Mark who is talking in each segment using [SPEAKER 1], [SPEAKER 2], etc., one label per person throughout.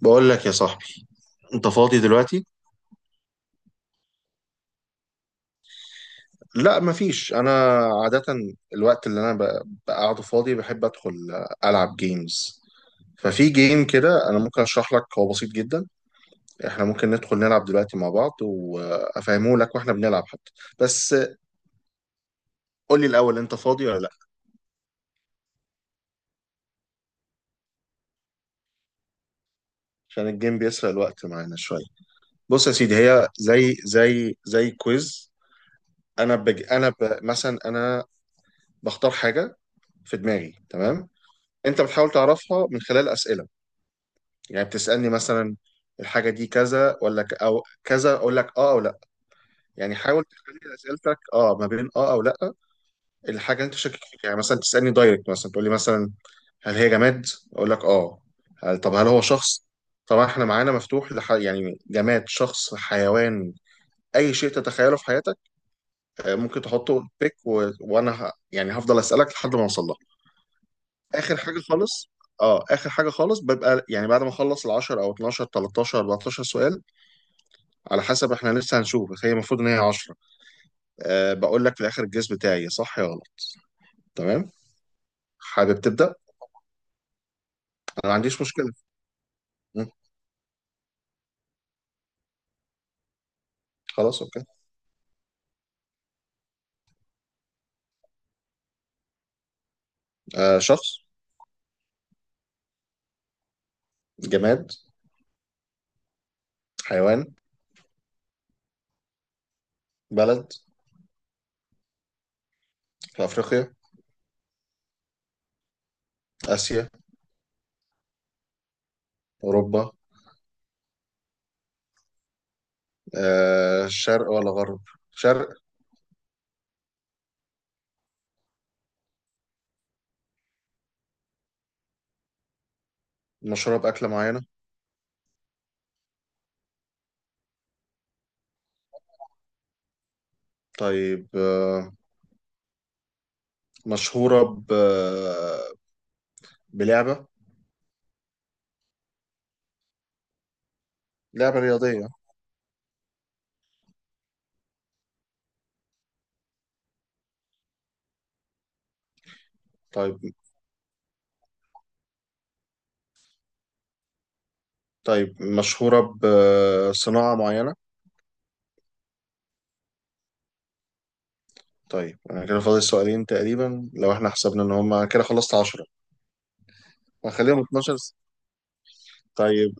[SPEAKER 1] بقول لك يا صاحبي، انت فاضي دلوقتي؟ لا، مفيش. انا عادة الوقت اللي انا بقعده فاضي بحب ادخل العب جيمز. ففي جيم كده انا ممكن اشرح لك، هو بسيط جدا. احنا ممكن ندخل نلعب دلوقتي مع بعض وافهمه لك واحنا بنلعب حتى، بس قول لي الاول انت فاضي ولا لا. عشان الجيم بيسرق الوقت معانا شوية. بص يا سيدي، هي زي كويز. انا بج... انا ب... مثلا انا بختار حاجة في دماغي، تمام؟ انت بتحاول تعرفها من خلال أسئلة. يعني بتسألني مثلا الحاجة دي كذا ولا أو كذا، أقول لك آه أو لأ. يعني حاول تخلي أسئلتك آه ما بين آه أو لأ، الحاجة اللي أنت شاكك فيها. يعني مثلا تسألني دايركت، مثلا تقول لي مثلا هل هي جماد؟ أقول لك آه. طب هل هو شخص؟ طبعا احنا معانا مفتوح يعني جماد، شخص، حيوان، أي شيء تتخيله في حياتك، آه، ممكن تحطه بيك وأنا يعني هفضل أسألك لحد ما أوصل لها. آخر حاجة خالص، اه، اخر حاجه خالص ببقى يعني بعد ما اخلص ال 10 او 12 13 14 سؤال، على حسب، احنا لسه هنشوف، بس هي المفروض ان هي 10. أه، بقول لك في الاخر الجيس بتاعي صح يا غلط. تمام. حابب تبدا؟ انا ما عنديش مشكله. مم. خلاص اوكي. أه شخص. جماد. حيوان. بلد. في افريقيا. اسيا. اوروبا. أه، شرق ولا غرب؟ شرق. مشهوره باكله معينه؟ طيب، أه، مشهوره بلعبه. لعبه رياضيه؟ طيب. طيب، مشهوره بصناعه معينه؟ طيب، انا كده فاضل سؤالين تقريبا لو احنا حسبنا ان هم كده خلصت 10. هخليهم 12. طيب،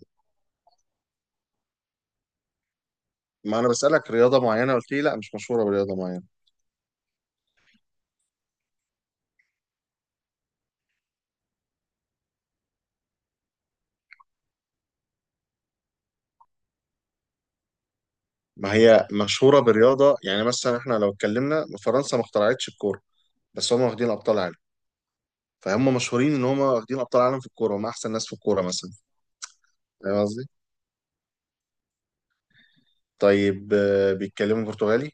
[SPEAKER 1] ما انا بسألك رياضة معينة، قلت لي لا مش مشهورة برياضة معينة. ما هي مشهورة برياضة. يعني مثلا احنا لو اتكلمنا فرنسا ما اخترعتش الكورة، بس هم واخدين ابطال عالم. فهم مشهورين ان هم واخدين ابطال عالم في الكورة، هم احسن ناس في الكورة مثلا. فاهم قصدي؟ طيب، آه، بيتكلموا برتغالي؟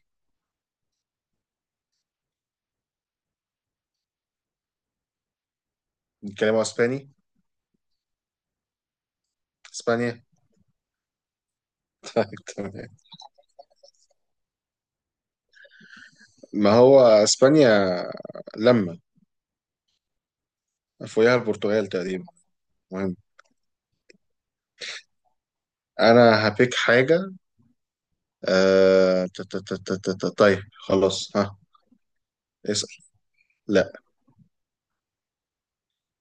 [SPEAKER 1] بيتكلموا اسباني؟ اسبانيا. طيب. تمام. ما هو اسبانيا لما فوقها البرتغال تقريبا. مهم. انا هبيك حاجة. آه... طيب، خلاص، ها. اسأل. لا.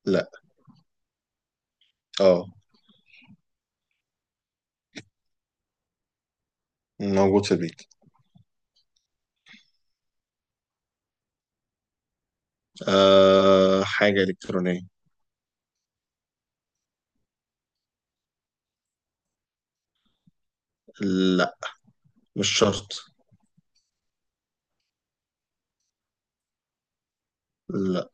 [SPEAKER 1] لا. اه. موجود في البيت. آه... حاجة إلكترونية. لا، مش شرط. لا.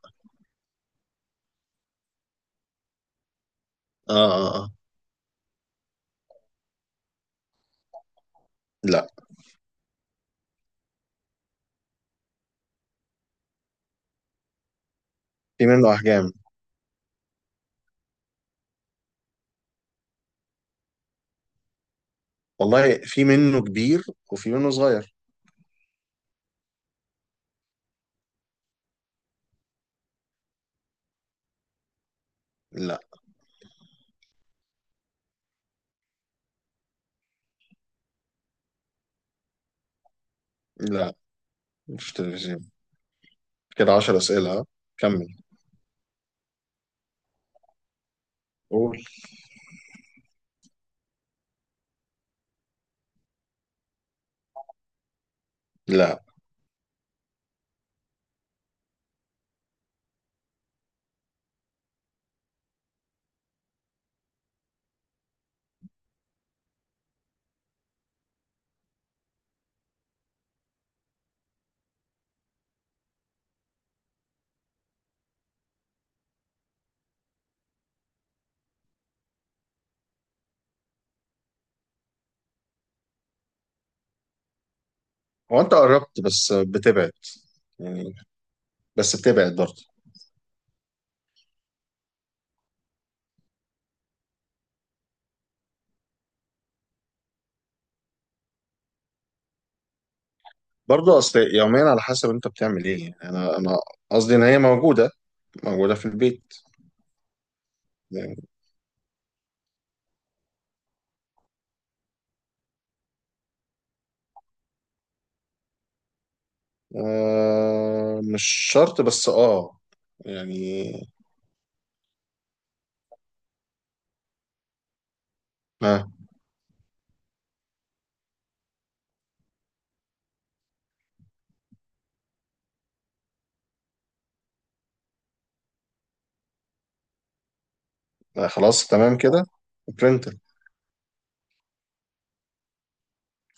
[SPEAKER 1] اه اه اه. لا. في منه أحجام. والله في منه كبير وفي منه صغير. لا. لا، مش تلفزيون. كده عشر أسئلة، ها؟ كمل. قول. لا، هو انت قربت بس بتبعد يعني، بس بتبعد برضه. برضه اصل يوميا على حسب انت بتعمل ايه. يعني انا قصدي ان هي موجوده في البيت يعني. آه مش شرط بس اه، يعني آه، آه، خلاص تمام كده. برينتر.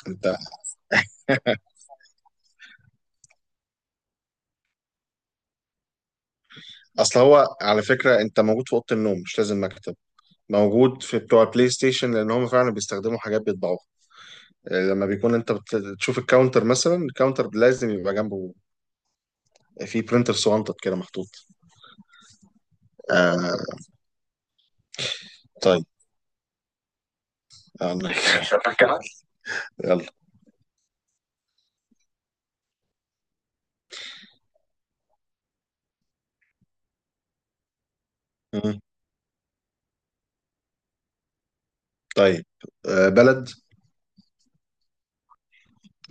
[SPEAKER 1] انت. اصل هو على فكره انت موجود في اوضه النوم، مش لازم مكتب. موجود في بتوع البلاي ستيشن لان هم فعلا بيستخدموا حاجات بيطبعوها. آه، لما بيكون انت بتشوف الكاونتر مثلا، الكاونتر لازم يبقى جنبه في برينتر صغنطط كده محطوط. آه. طيب. آه، الله يخليك. يلا. طيب، آه، بلد.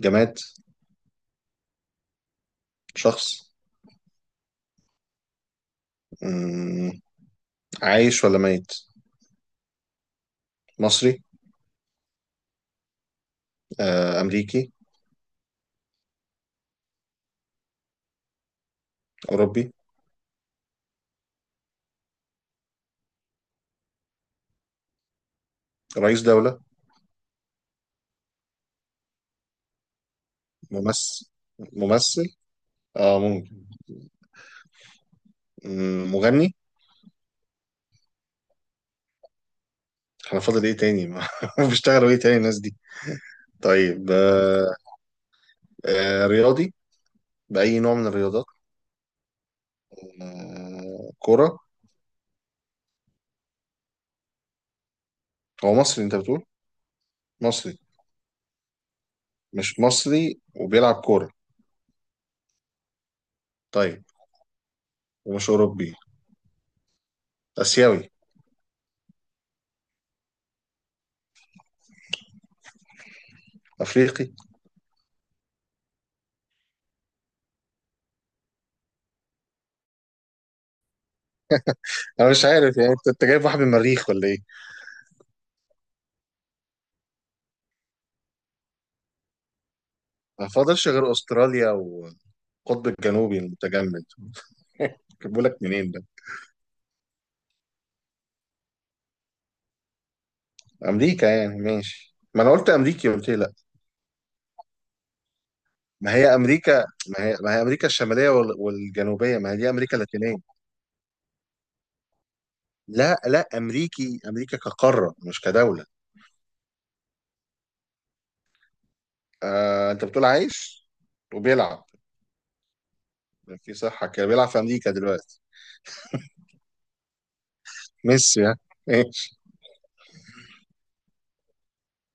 [SPEAKER 1] جماد. شخص. مم، عايش ولا ميت؟ مصري. آه، أمريكي. أوروبي. رئيس دولة. ممثل. ممثل. اه ممكن. مغني. احنا فاضل ايه تاني؟ ما بيشتغلوا ايه تاني الناس دي؟ طيب، آه، آه، رياضي؟ بأي نوع من الرياضات؟ آه، كرة. هو مصري انت بتقول؟ مصري؟ مش مصري وبيلعب كورة. طيب. ومش أوروبي. آسيوي. أفريقي. انا مش عارف يعني أنت جايب واحد من المريخ ولا ايه؟ ما فاضلش غير استراليا والقطب الجنوبي المتجمد. بقولك منين ده؟ امريكا يعني؟ ماشي. ما انا قلت امريكي قلت لي لا. ما هي امريكا. ما هي امريكا الشماليه وال- والجنوبيه. ما هي دي امريكا اللاتينيه. لا، لا، امريكي، امريكا كقاره مش كدوله. آه، انت بتقول عايش وبيلعب. في صحه كده، بيلعب في امريكا دلوقتي. ميسي؟ ها. ماشي.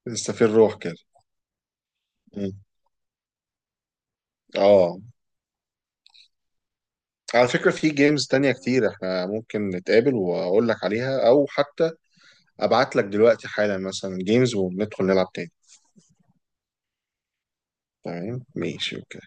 [SPEAKER 1] لسه في الروح كده. مم. اه. على فكرة، في جيمز تانية كتير احنا ممكن نتقابل واقول لك عليها، او حتى ابعت لك دلوقتي حالا مثلا جيمز وندخل نلعب تاني. تمام. ماشي. اوكي.